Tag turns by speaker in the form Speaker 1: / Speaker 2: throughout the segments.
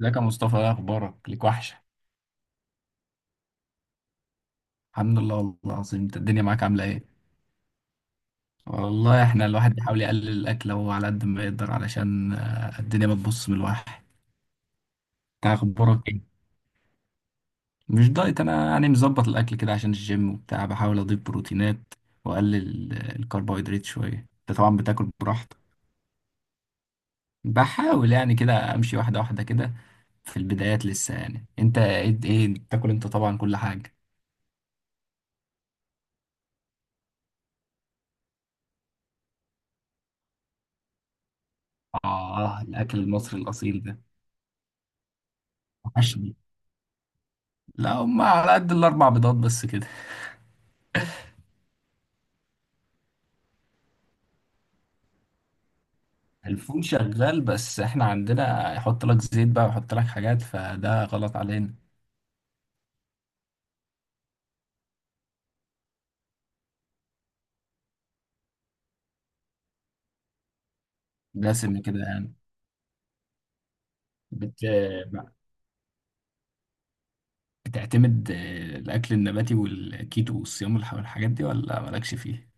Speaker 1: ازيك يا مصطفى؟ ايه اخبارك؟ ليك وحشه. الحمد لله والله العظيم، انت الدنيا معاك عامله ايه؟ والله احنا الواحد بيحاول يقلل الاكل هو على قد ما يقدر علشان الدنيا ما تبص من الواحد. انت اخبارك ايه؟ مش دايت، انا يعني مظبط الاكل كده عشان الجيم وبتاع، بحاول اضيف بروتينات واقلل الكربوهيدرات شويه، انت طبعا بتاكل براحتك. بحاول يعني كده امشي واحده واحده كده، في البدايات لسه يعني. انت ايه بتاكل؟ انت طبعا كل حاجه. اه، الاكل المصري الاصيل ده. وحشني. لا، هم على قد الاربع بيضات بس كده. الفول شغال، بس احنا عندنا يحط لك زيت بقى ويحط لك حاجات، فده غلط علينا. دسم كده يعني. بت... بتعتمد الاكل النباتي والكيتو والصيام والحاجات دي ولا مالكش فيه؟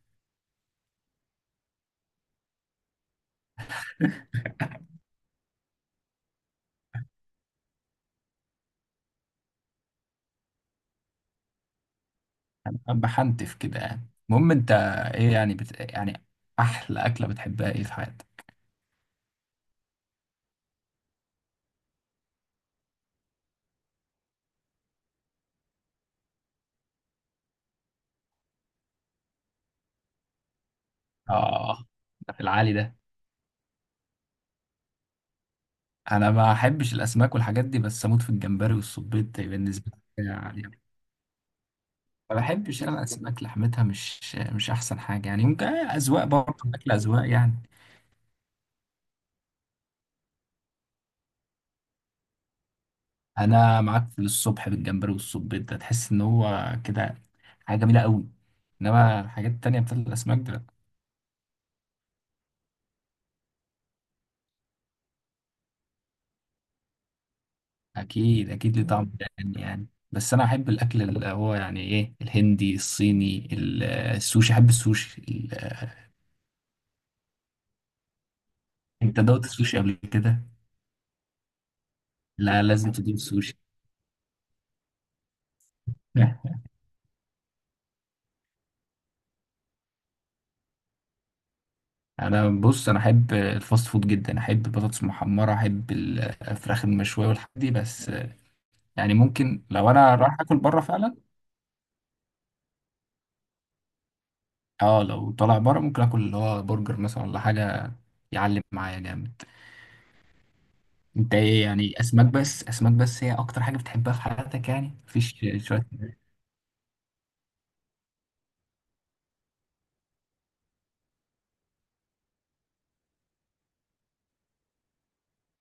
Speaker 1: أنا بحنتف كده يعني. المهم انت، ايه يعني يعني احلى اكله بتحبها ايه في حياتك؟ اه، ده في العالي ده. انا ما احبش الاسماك والحاجات دي، بس اموت في الجمبري والصبيط بالنسبه لي، يعني ما بحبش انا الاسماك، لحمتها مش احسن حاجه يعني، ممكن اذواق، برضه الاكل اذواق يعني. انا معاك في الصبح، بالجمبري والصبيط ده تحس ان هو كده حاجه جميله قوي، انما الحاجات التانية بتاعت الاسماك ده لأ. اكيد اكيد، ليه طعم تاني يعني. بس انا احب الاكل اللي هو يعني ايه الهندي الصيني، السوشي، احب السوشي انت دوت السوشي قبل كده؟ لا، لازم تدوق السوشي. بص انا احب الفاست فود جدا، احب البطاطس المحمره، احب الفراخ المشويه والحاجات دي، بس يعني ممكن لو انا رايح اكل بره فعلا. اه، لو طالع بره ممكن اكل اللي هو برجر مثلا ولا حاجه، يعلم، معايا جامد. انت ايه يعني؟ اسماك بس، اسماك بس هي اكتر حاجه بتحبها في حياتك يعني؟ مفيش شويه؟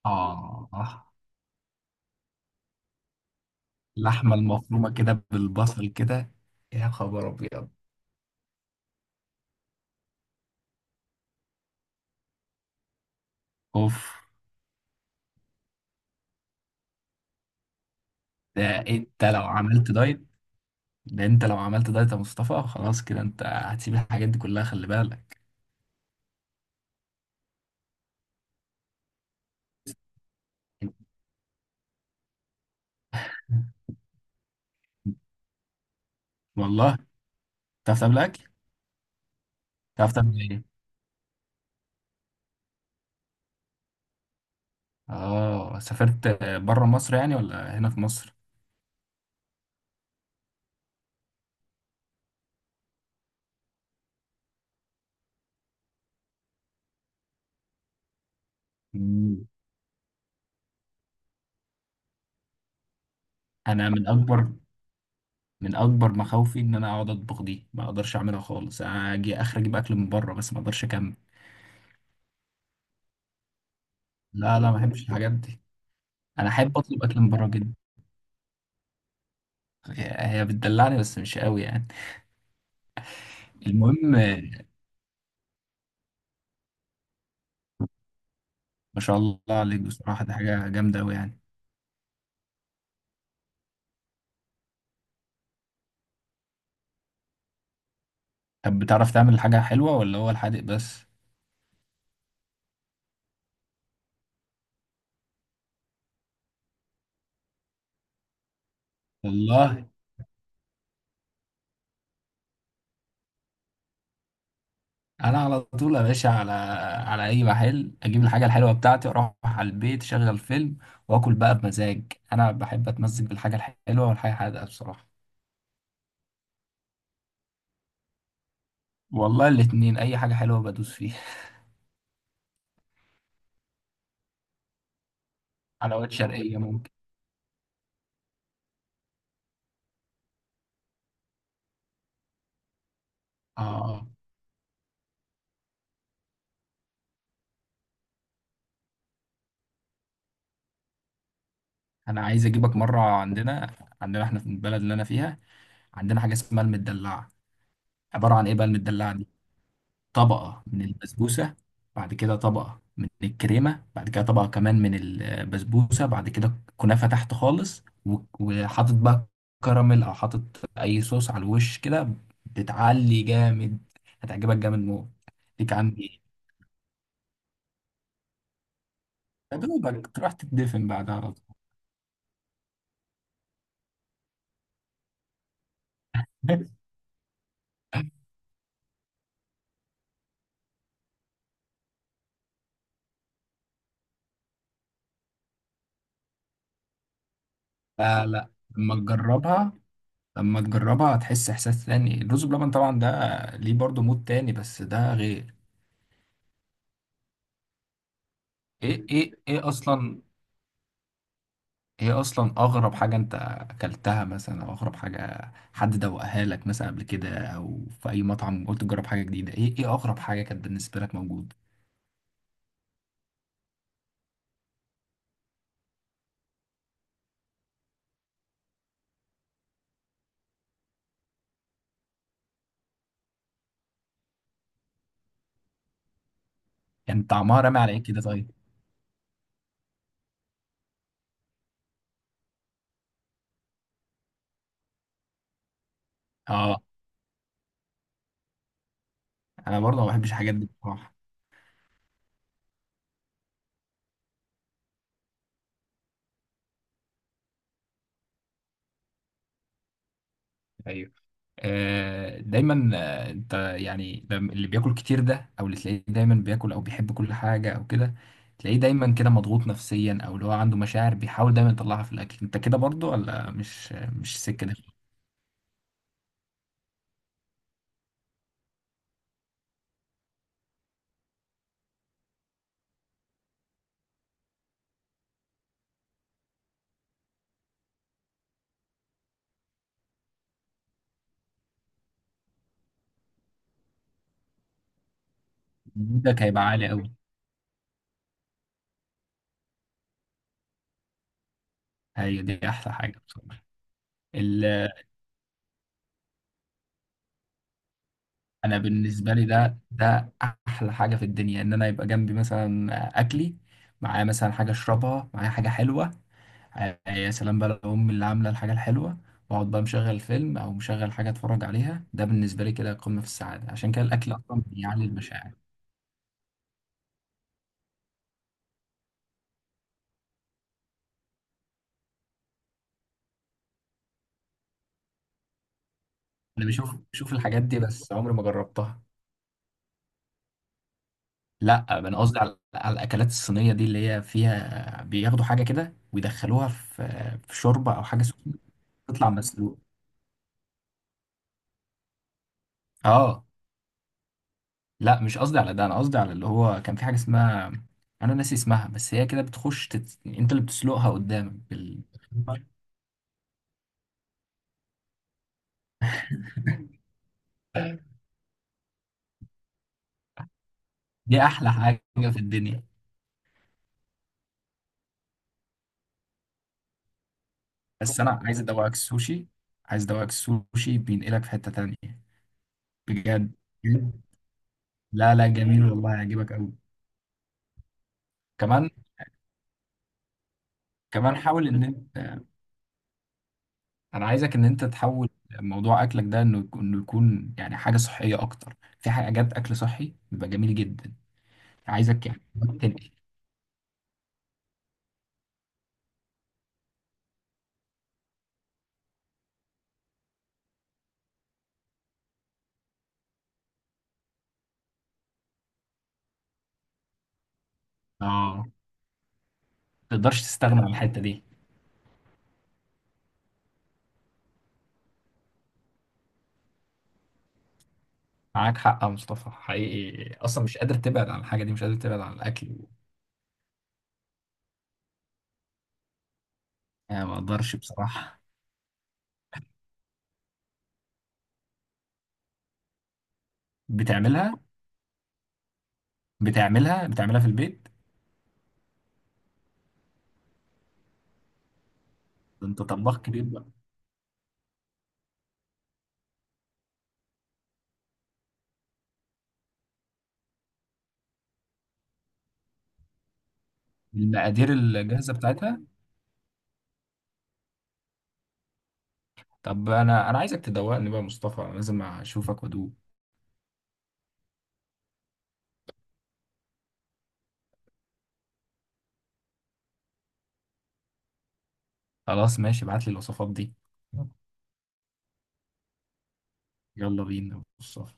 Speaker 1: اه، آه. اللحمه المفرومه كده بالبصل كده، يا خبر ابيض. اوف. ده إيه؟ انت لو عملت دايت؟ ده انت لو عملت دايت يا مصطفى، خلاص كده انت هتسيب الحاجات دي كلها، خلي بالك. والله، تعرف تعمل اكل؟ تعرف تعمل ايه؟ اه، سافرت؟ بره مصر يعني ولا هنا في مصر؟ مم. انا من اكبر مخاوفي ان انا اقعد اطبخ، دي ما اقدرش اعملها خالص، انا اجي اخر اجيب اكل من بره بس ما اقدرش اكمل. لا لا، ما بحبش الحاجات دي، انا احب اطلب اكل من بره جدا، هي بتدلعني بس مش قوي يعني. المهم، ما شاء الله عليك بصراحه، دي حاجه جامده قوي يعني. طب بتعرف تعمل حاجة حلوة ولا هو الحادق بس؟ والله، أنا على طول يا باشا، على أي محل أجيب الحاجة الحلوة بتاعتي وأروح على البيت، أشغل فيلم وآكل بقى بمزاج. أنا بحب أتمزج بالحاجة الحلوة والحاجة الحادقة بصراحة. والله الاتنين، أي حاجة حلوة بدوس فيها. حلويات شرقية ممكن. آه. أنا عايز أجيبك مرة عندنا، عندنا إحنا في البلد اللي أنا فيها، عندنا حاجة اسمها المدلعة. عبارة عن إيه بقى المدلعة؟ طبقة من البسبوسة، بعد كده طبقة من الكريمة، بعد كده طبقة كمان من البسبوسة، بعد كده كنافة تحت خالص، وحاطط بقى كراميل أو حاطط أي صوص على الوش كده، بتعلي جامد، هتعجبك جامد موت. ليك عندي إيه؟ يا دوبك تروح تدفن بعدها على طول. لا لا، لما تجربها، لما تجربها هتحس إحساس تاني. الرز بلبن طبعا ده ليه برضه مود تاني، بس ده غير. ايه ايه ايه اصلا ايه اصلا اغرب حاجة انت اكلتها مثلا، او اغرب حاجة حد دوقها لك مثلا قبل كده، او في اي مطعم قلت تجرب حاجة جديدة، ايه اغرب حاجة كانت بالنسبة لك موجود؟ يعني طعمها رامي على ايه كده طيب؟ اه، انا برضه ما بحبش الحاجات دي بصراحة. ايوه. دايما، انت يعني اللي بياكل كتير ده، او اللي تلاقيه دايما بياكل او بيحب كل حاجة او كده، تلاقيه دايما كده مضغوط نفسيا، او اللي هو عنده مشاعر بيحاول دايما يطلعها في الاكل، انت كده برضه ولا مش السكة ده؟ ده هيبقى عالي قوي. هي دي احلى حاجه بصراحه. ال- انا بالنسبه لي ده احلى حاجه في الدنيا، ان انا يبقى جنبي مثلا اكلي، معايا مثلا حاجه اشربها، معايا حاجه حلوه، يا سلام بقى لو امي اللي عامله الحاجه الحلوه، واقعد بقى مشغل فيلم او مشغل حاجه اتفرج عليها، ده بالنسبه لي كده قمه في السعاده، عشان كده الاكل اصلا بيعلي المشاعر. انا بشوف الحاجات دي بس عمري ما جربتها. لا، انا قصدي على الاكلات الصينيه دي، اللي هي فيها بياخدوا حاجه كده ويدخلوها في شوربه او حاجه سخنه، تطلع مسلوقه. اه لا، مش قصدي على ده، انا قصدي على اللي هو كان في حاجه اسمها، انا ناسي اسمها، بس هي كده بتخش انت اللي بتسلقها قدامك دي احلى حاجه في الدنيا. بس انا عايز ادوقك السوشي، عايز ادوقك السوشي، بينقلك في حته تانية، بجد. لا لا، جميل والله، هيعجبك قوي كمان. كمان حاول ان انت، انا عايزك ان انت تحول موضوع اكلك ده انه يكون يعني حاجه صحيه اكتر، في حاجات اكل صحي بيبقى جميل جدا، عايزك يعني تنقل. اه، تقدرش تستغنى عن الحتة دي؟ معاك حق يا مصطفى حقيقي، أصلا مش قادر تبعد عن الحاجة دي، مش قادر تبعد عن الأكل. يعني ما أقدرش بصراحة. بتعملها بتعملها في البيت؟ ده أنت طباخ كبير بقى. المقادير الجاهزة بتاعتها. طب أنا عايزك تدوقني بقى يا مصطفى، أنا لازم أشوفك وأدوق. خلاص ماشي، ابعت لي الوصفات دي. يلا بينا يا مصطفى.